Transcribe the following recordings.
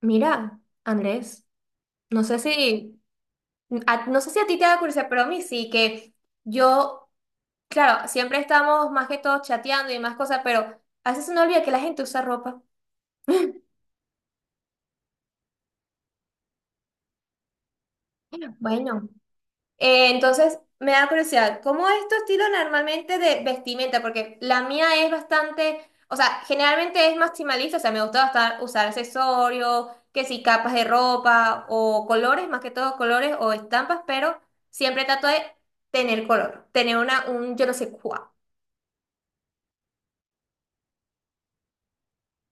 Mira, Andrés, no sé si, no sé si a ti te da curiosidad, pero a mí sí, que yo, claro, siempre estamos más que todo chateando y más cosas, pero a veces se nos olvida que la gente usa ropa. Bueno. Entonces, me da curiosidad, ¿cómo es tu estilo normalmente de vestimenta? Porque la mía es bastante, o sea, generalmente es maximalista, o sea, me gusta usar accesorios, que si capas de ropa o colores, más que todo colores o estampas, pero siempre trato de tener color, tener una, un yo no sé cuál.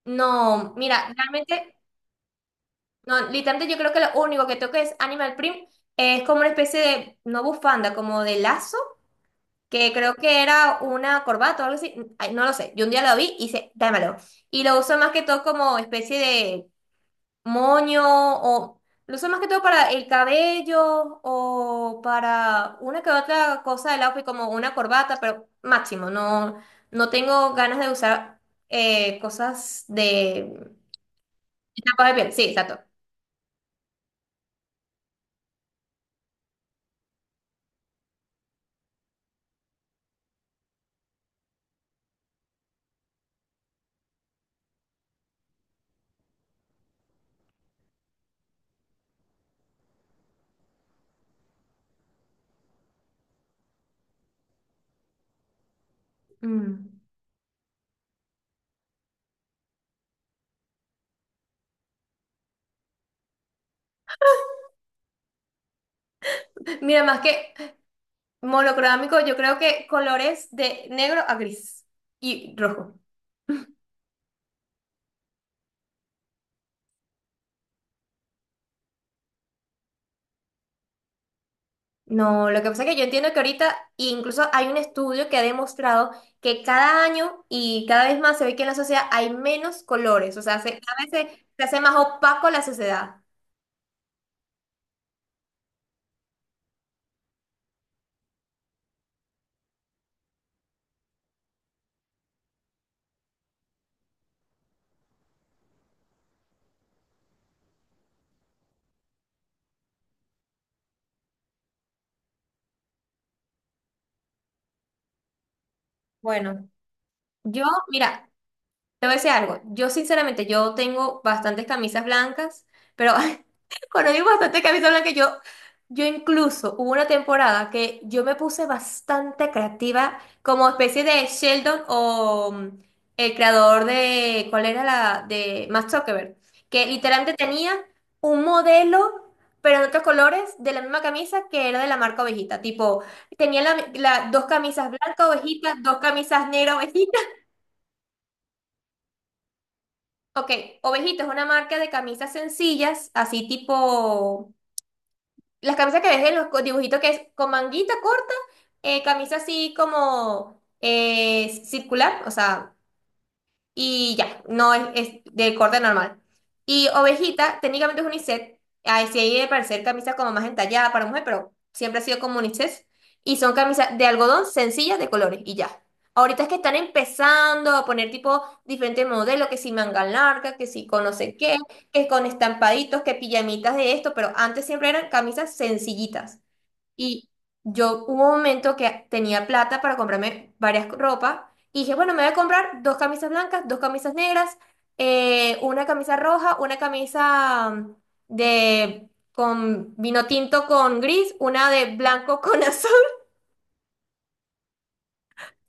No, mira, realmente, no, literalmente yo creo que lo único que toco es Animal Print, es como una especie de, no bufanda, como de lazo que creo que era una corbata o algo así, ay, no lo sé, yo un día lo vi y hice, dámelo. Y lo uso más que todo como especie de moño, o lo uso más que todo para el cabello o para una que otra cosa del outfit como una corbata, pero máximo, no, no tengo ganas de usar cosas de estampados de piel, sí, exacto. Mm. Mira, más que monocromático, yo creo que colores de negro a gris y rojo. No, lo que pasa es que yo entiendo que ahorita incluso hay un estudio que ha demostrado que cada año y cada vez más se ve que en la sociedad hay menos colores, o sea, se, cada vez se, se hace más opaco la sociedad. Bueno, yo, mira, te voy a decir algo, yo sinceramente, yo tengo bastantes camisas blancas, pero conocí bastante camisa blanca. Yo incluso hubo una temporada que yo me puse bastante creativa, como especie de Sheldon o el creador de, ¿cuál era la? De Max Zuckerberg, que literalmente tenía un modelo, pero en otros colores, de la misma camisa que era de la marca Ovejita. Tipo, tenía dos camisas blancas Ovejita, dos camisas negras Ovejita. Ok, Ovejita es una marca de camisas sencillas, así tipo. Las camisas que ves en los dibujitos, que es con manguita corta, camisa así como circular, o sea, y ya, no es, es de corte normal. Y ovejita, técnicamente es unisex, ahí sí hay de parecer camisas como más entallada para mujer, pero siempre ha sido como unisex. Y son camisas de algodón sencillas de colores y ya. Ahorita es que están empezando a poner tipo diferentes modelos, que si manga larga, que si con no sé qué, que con estampaditos, que pijamitas de esto, pero antes siempre eran camisas sencillitas. Y yo hubo un momento que tenía plata para comprarme varias ropas y dije, bueno, me voy a comprar dos camisas blancas, dos camisas negras, una camisa roja, una camisa de con vino tinto con gris, una de blanco con azul,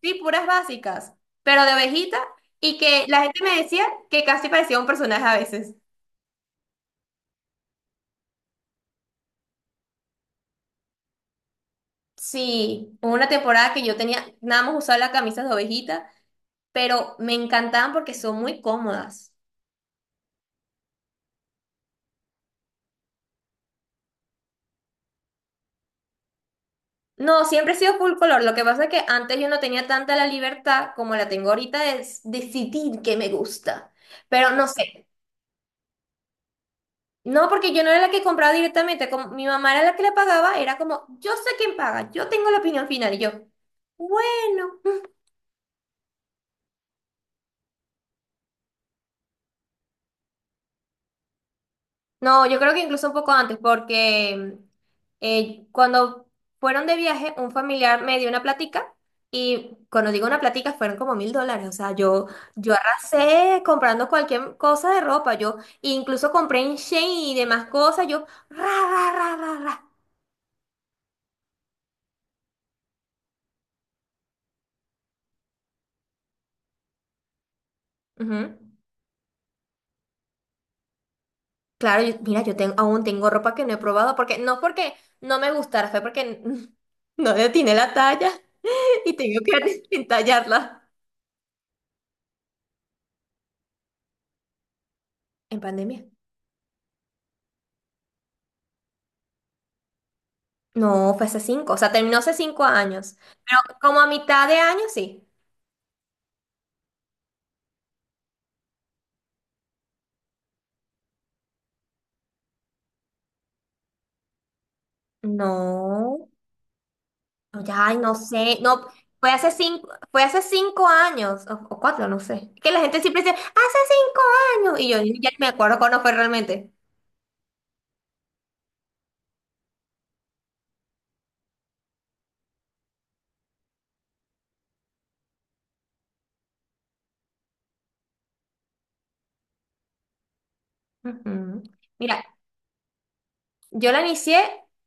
sí, puras básicas, pero de abejita, y que la gente me decía que casi parecía un personaje a veces. Sí, hubo una temporada que yo tenía nada más usaba las camisas de ovejita, pero me encantaban porque son muy cómodas. No, siempre he sido full color. Lo que pasa es que antes yo no tenía tanta la libertad como la tengo ahorita de decidir qué me gusta. Pero no sé. No, porque yo no era la que compraba directamente. Como mi mamá era la que le pagaba, era como, yo sé quién paga, yo tengo la opinión final. Y yo, bueno. No, yo creo que incluso un poco antes, porque cuando fueron de viaje, un familiar me dio una platica, y cuando digo una platica fueron como $1.000. O sea, yo arrasé comprando cualquier cosa de ropa. Yo incluso compré en Shein y demás cosas. Yo, ra, ra, ra, ra, ra. Ujú. Claro, mira, yo tengo, aún tengo ropa que no he probado, porque no me gustara, fue porque no le atiné la talla, y tengo que entallarla. En pandemia. No, fue hace cinco, o sea, terminó hace 5 años, pero como a mitad de año, sí. No, no, ya, ay, no sé, no, fue hace cinco, fue hace 5 años, o cuatro, no sé. Que la gente siempre dice, hace 5 años, y yo ya ni me acuerdo cuándo fue realmente. Ujú. Mira, yo la inicié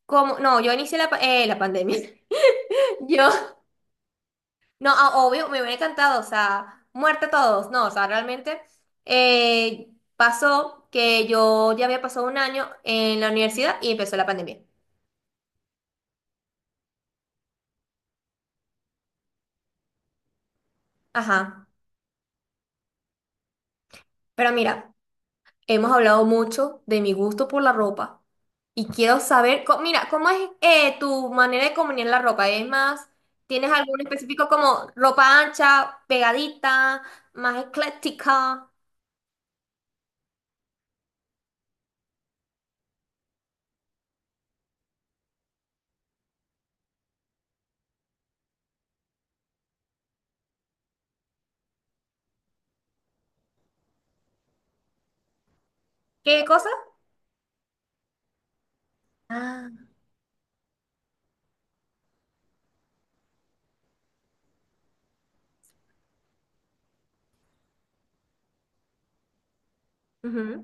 como, no, yo inicié la pandemia. Yo, No, ah, obvio, me hubiera encantado, o sea, muerte todos, no, o sea, realmente eh, pasó que yo ya había pasado un año en la universidad y empezó la pandemia. Ajá, pero mira, hemos hablado mucho de mi gusto por la ropa y quiero saber, mira, ¿cómo es tu manera de combinar la ropa? ¿Es más, tienes algún específico como ropa ancha, pegadita, más ecléctica? ¿Qué cosa? Ah, ujú.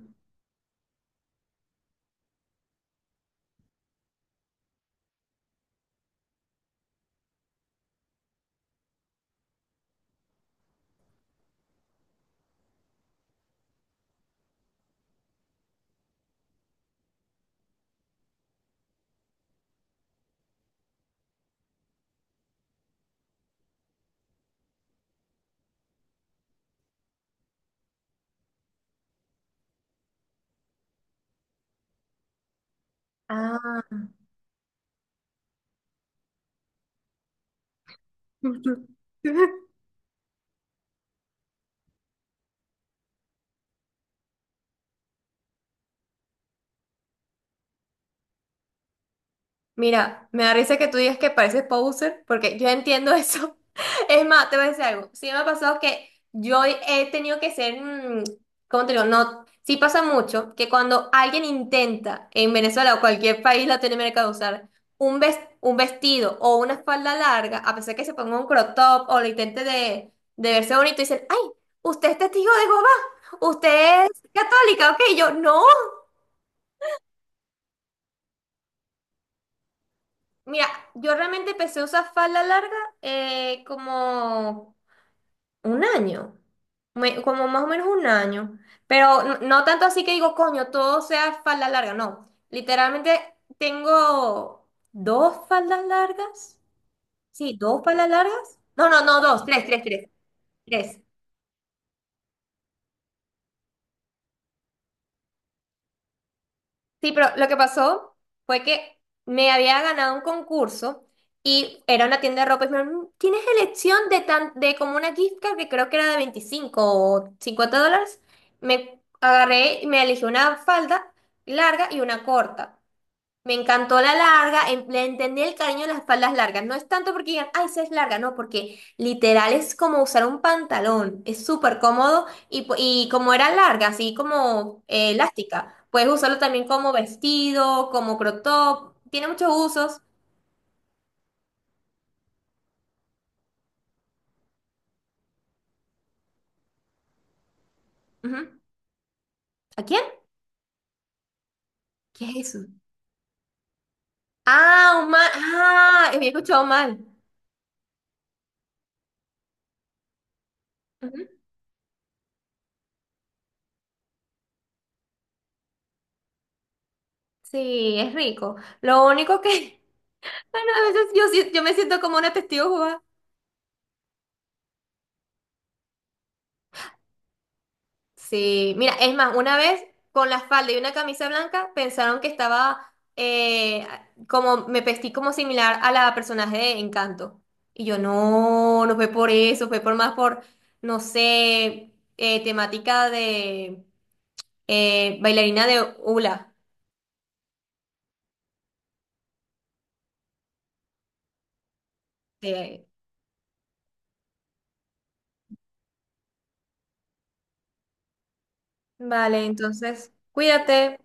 Ah. Mira, me da risa que tú digas que pareces poser, porque yo entiendo eso. Es más, te voy a decir algo. Sí me ha pasado que yo he tenido que ser, ¿cómo te digo? No, sí pasa mucho que cuando alguien intenta en Venezuela o cualquier país latinoamericano usar un vestido o una falda larga, a pesar que se ponga un crop top o lo intente de verse bonito, dicen, ay, usted es testigo de Jehová, usted es católica, ok, yo no. Mira, yo realmente empecé a usar falda larga como un año, como más o menos un año, pero no, no tanto así que digo, coño, todo sea falda larga, no. Literalmente tengo dos faldas largas, sí, dos faldas largas, no, no, no, dos, tres, tres, tres, tres. Sí, pero lo que pasó fue que me había ganado un concurso y era una tienda de ropa y me dijeron, "Mm, tienes elección de, tan, de como una gift card que creo que era de $25 o $50". Me agarré y me elegí una falda larga y una corta. Me encantó la larga, le entendí el cariño de las faldas largas. No es tanto porque digan, ay, esa es larga, no, porque literal es como usar un pantalón. Es súper cómodo, y, y como era larga, así como elástica, puedes usarlo también como vestido, como crop top. Tiene muchos usos. Ujú. ¿A quién? ¿Qué es eso? Ah, un mal. Ah, me he escuchado mal. Ujú. Sí, es rico. Lo único que, bueno, a veces yo, yo me siento como una testigo. Sí, mira, es más, una vez con la falda y una camisa blanca pensaron que estaba como, me vestí como similar a la personaje de Encanto. Y yo, no, no fue por eso, fue por más por, no sé, temática de bailarina de hula. de- Vale, entonces, cuídate.